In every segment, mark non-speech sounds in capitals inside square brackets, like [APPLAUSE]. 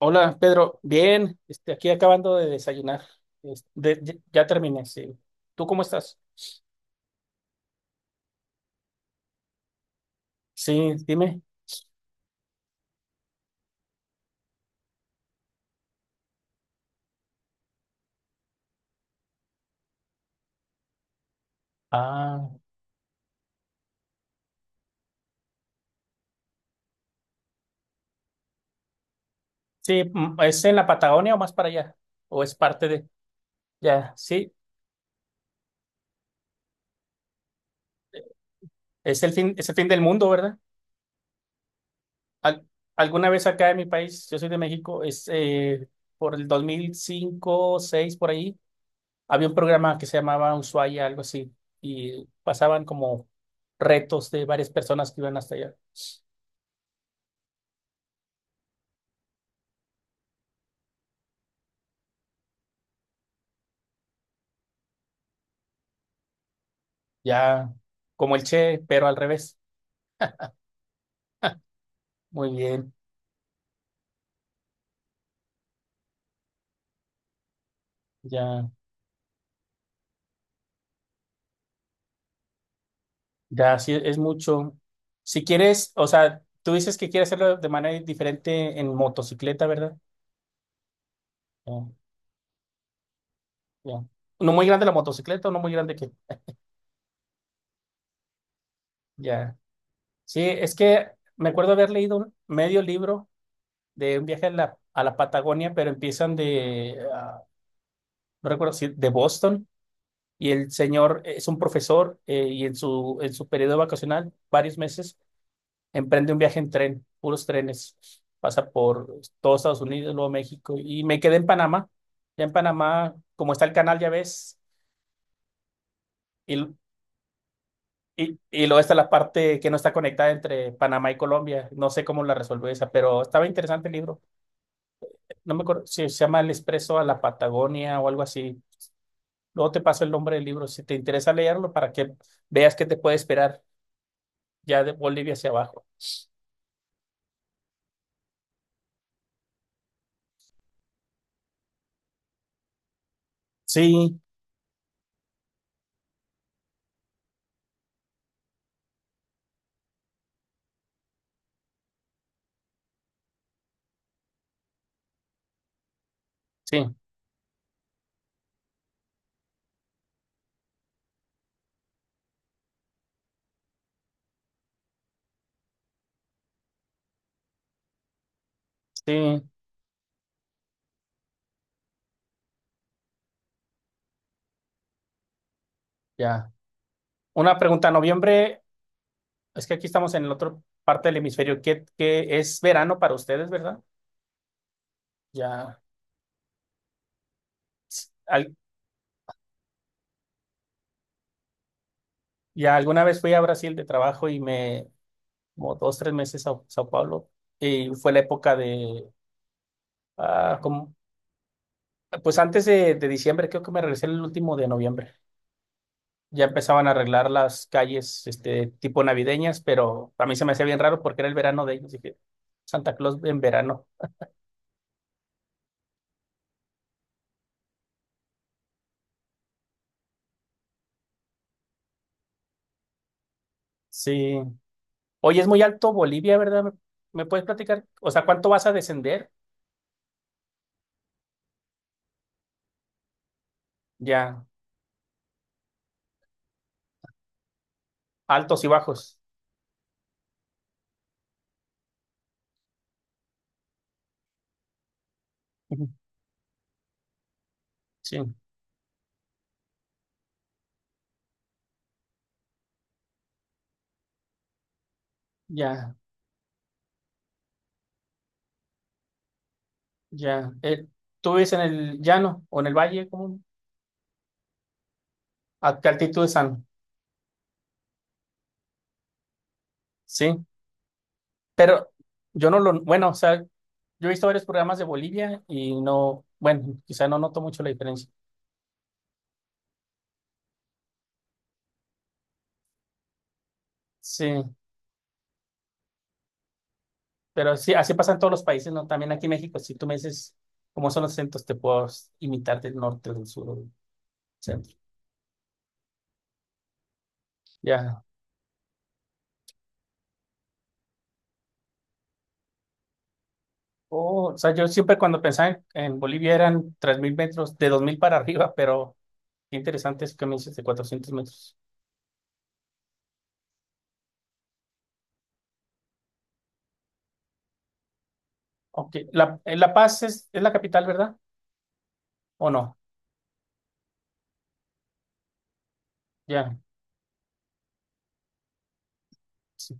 Hola, Pedro. Bien, aquí acabando de desayunar. Ya terminé, sí. ¿Tú cómo estás? Sí, dime. Ah, sí, ¿es en la Patagonia o más para allá? ¿O es parte de? Ya, sí. Es el fin del mundo, ¿verdad? Al- alguna vez acá en mi país, yo soy de México, es por el 2005, 6 por ahí, había un programa que se llamaba Ushuaia, algo así, y pasaban como retos de varias personas que iban hasta allá. Ya, como el Che, pero al revés. Muy bien, ya, ya, sí, es mucho. Si quieres, o sea, tú dices que quieres hacerlo de manera diferente en motocicleta, ¿verdad? Ya, ya. ¿No muy grande la motocicleta o no muy grande que? Ya. Sí, es que me acuerdo haber leído un medio libro de un viaje a la Patagonia, pero empiezan no recuerdo si, de Boston, y el señor es un profesor y en su periodo vacacional, varios meses emprende un viaje en tren, puros trenes. Pasa por todo Estados Unidos, luego México. Y me quedé en Panamá. Ya en Panamá, como está el canal, ya ves. Y, y luego está la parte que no está conectada entre Panamá y Colombia. No sé cómo la resolvió esa, pero estaba interesante el libro. No me acuerdo si se llama El Expreso a la Patagonia o algo así. Luego te paso el nombre del libro si te interesa leerlo para que veas qué te puede esperar ya de Bolivia hacia abajo. Sí, sí, sí, ya. Una pregunta, ¿noviembre? Es que aquí estamos en la otra parte del hemisferio, que es verano para ustedes, ¿verdad? Ya, al- ya, alguna vez fui a Brasil de trabajo como dos, tres meses a Sao Paulo, y fue la época como, pues antes de diciembre, creo que me regresé el último de noviembre. Ya empezaban a arreglar las calles, tipo navideñas, pero a mí se me hacía bien raro porque era el verano de ellos, dije, Santa Claus en verano. Sí. Oye, es muy alto Bolivia, ¿verdad? ¿Me puedes platicar? O sea, ¿cuánto vas a descender? Ya, altos y bajos. Ujú, sí, ya, ya. ¿Tú vives en el llano o en el valle? ¿Cómo? ¿A qué altitud están? Sí, pero yo no lo, bueno, o sea, yo he visto varios programas de Bolivia y no, bueno, quizá no noto mucho la diferencia. Sí, pero sí, así pasa en todos los países, ¿no? También aquí en México, si tú me dices cómo son los centros, te puedo imitar del norte, del sur, o del centro. Ya. Oh, o sea, yo siempre cuando pensaba en Bolivia eran 3000 metros, de 2000 para arriba, pero. Qué interesante eso que me dices de 400 metros. Ok, La Paz es la capital, ¿verdad? ¿O no? Ya, sí,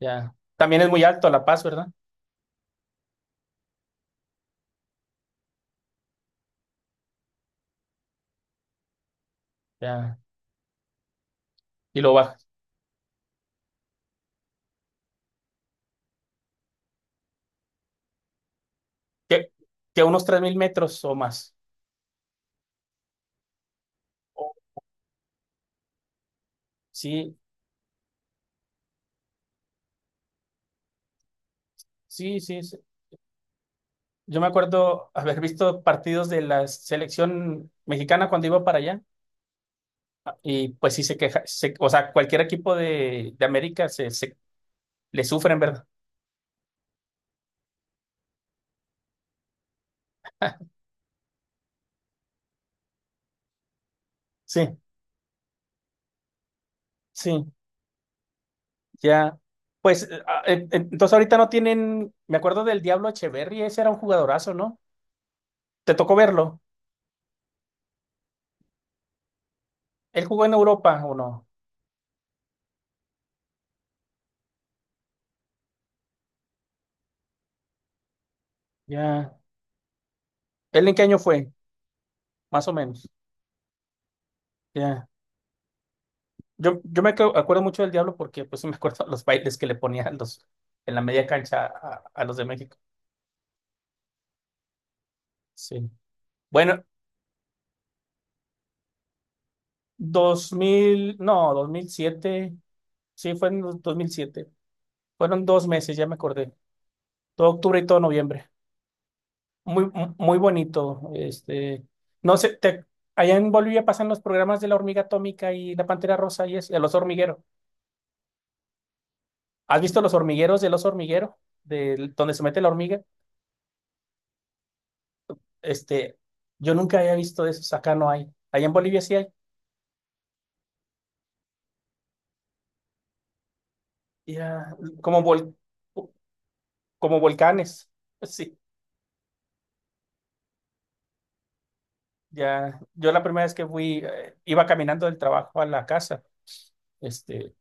ya. También es muy alto La Paz, ¿verdad? Ya. Y lo baja. Que, que a unos 3000 metros o más. O- Sí, sí, sí, sí. Yo me acuerdo haber visto partidos de la selección mexicana cuando iba para allá. Y pues sí se queja. O sea, cualquier equipo de América le sufren, ¿verdad? Sí, sí. Ya, pues entonces ahorita no tienen, me acuerdo del Diablo Echeverri, ese era un jugadorazo, ¿no? ¿Te tocó verlo? ¿Él jugó en Europa o no? Ya. ¿Él en qué año fue? Más o menos. Ya. Yo acuerdo mucho del Diablo porque pues sí me acuerdo [LAUGHS] los bailes que le ponía a los, en la media cancha a los de México. Sí. Bueno, dos mil, no, 2007. Sí, fue en 2007. Fueron 2 meses, ya me acordé. Todo octubre y todo noviembre. Muy bonito. No sé, allá en Bolivia pasan los programas de la hormiga atómica y la pantera rosa y es el oso hormiguero. ¿Has visto los hormigueros del oso hormiguero? Del, donde se mete la hormiga. Este, yo nunca había visto esos. Acá no hay. Allá en Bolivia sí hay. Ya, como vol- como volcanes. Sí, ya. Yo la primera vez que fui, iba caminando del trabajo a la casa, este,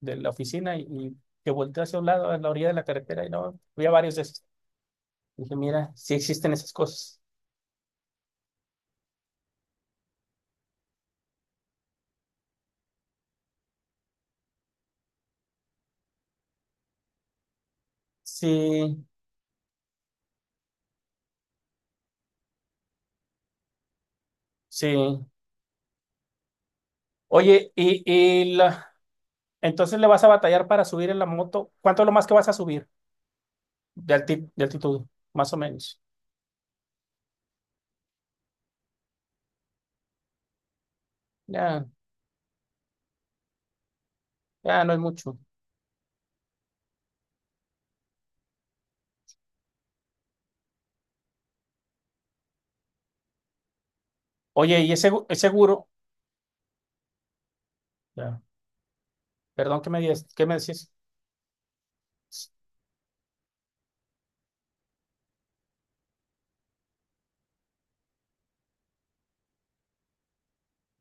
de la oficina y que volteé hacia un lado, a la orilla de la carretera y no, había varios de esos. Dije, mira, sí existen esas cosas. Sí, sí. Oye, entonces le vas a batallar para subir en la moto. ¿Cuánto es lo más que vas a subir de altitud? Más o menos. Ya, ya no es mucho. Oye, es seguro. Ya. Perdón, ¿qué me dices? ¿Qué me decís?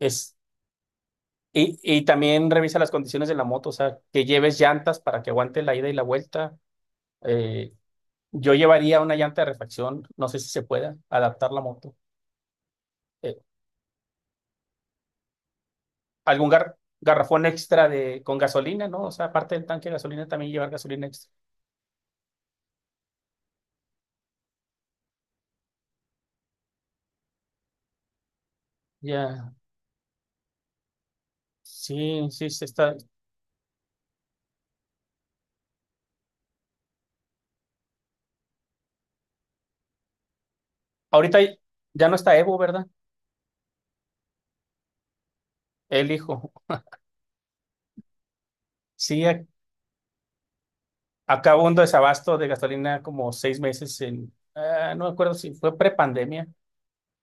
Es, y también revisa las condiciones de la moto, o sea, que lleves llantas para que aguante la ida y la vuelta. Eh, yo llevaría una llanta de refacción, no sé si se pueda adaptar la moto. Eh, algún garrafón extra con gasolina, ¿no? O sea, aparte del tanque de gasolina, también llevar gasolina extra. Ya, sí, sí, se está. Ahorita ya no está Evo, ¿verdad? El hijo. Sí, acabó un desabasto de gasolina como 6 meses no me acuerdo si fue prepandemia.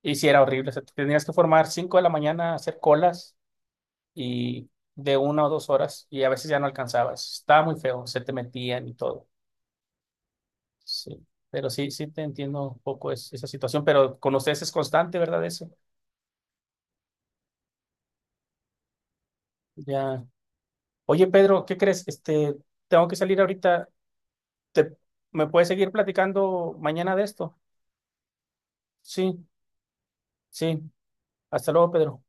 Y sí, era horrible. O sea, te tenías que formar 5 de la mañana, a hacer colas y de 1 o 2 horas, y a veces ya no alcanzabas. Estaba muy feo, se te metían y todo. Sí, pero sí, sí te entiendo un poco esa situación, pero con ustedes es constante, ¿verdad? Eso. Ya. Oye, Pedro, ¿qué crees? Tengo que salir ahorita. ¿Te, me puedes seguir platicando mañana de esto? Sí, sí. Hasta luego, Pedro.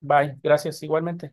Bye. Gracias, igualmente.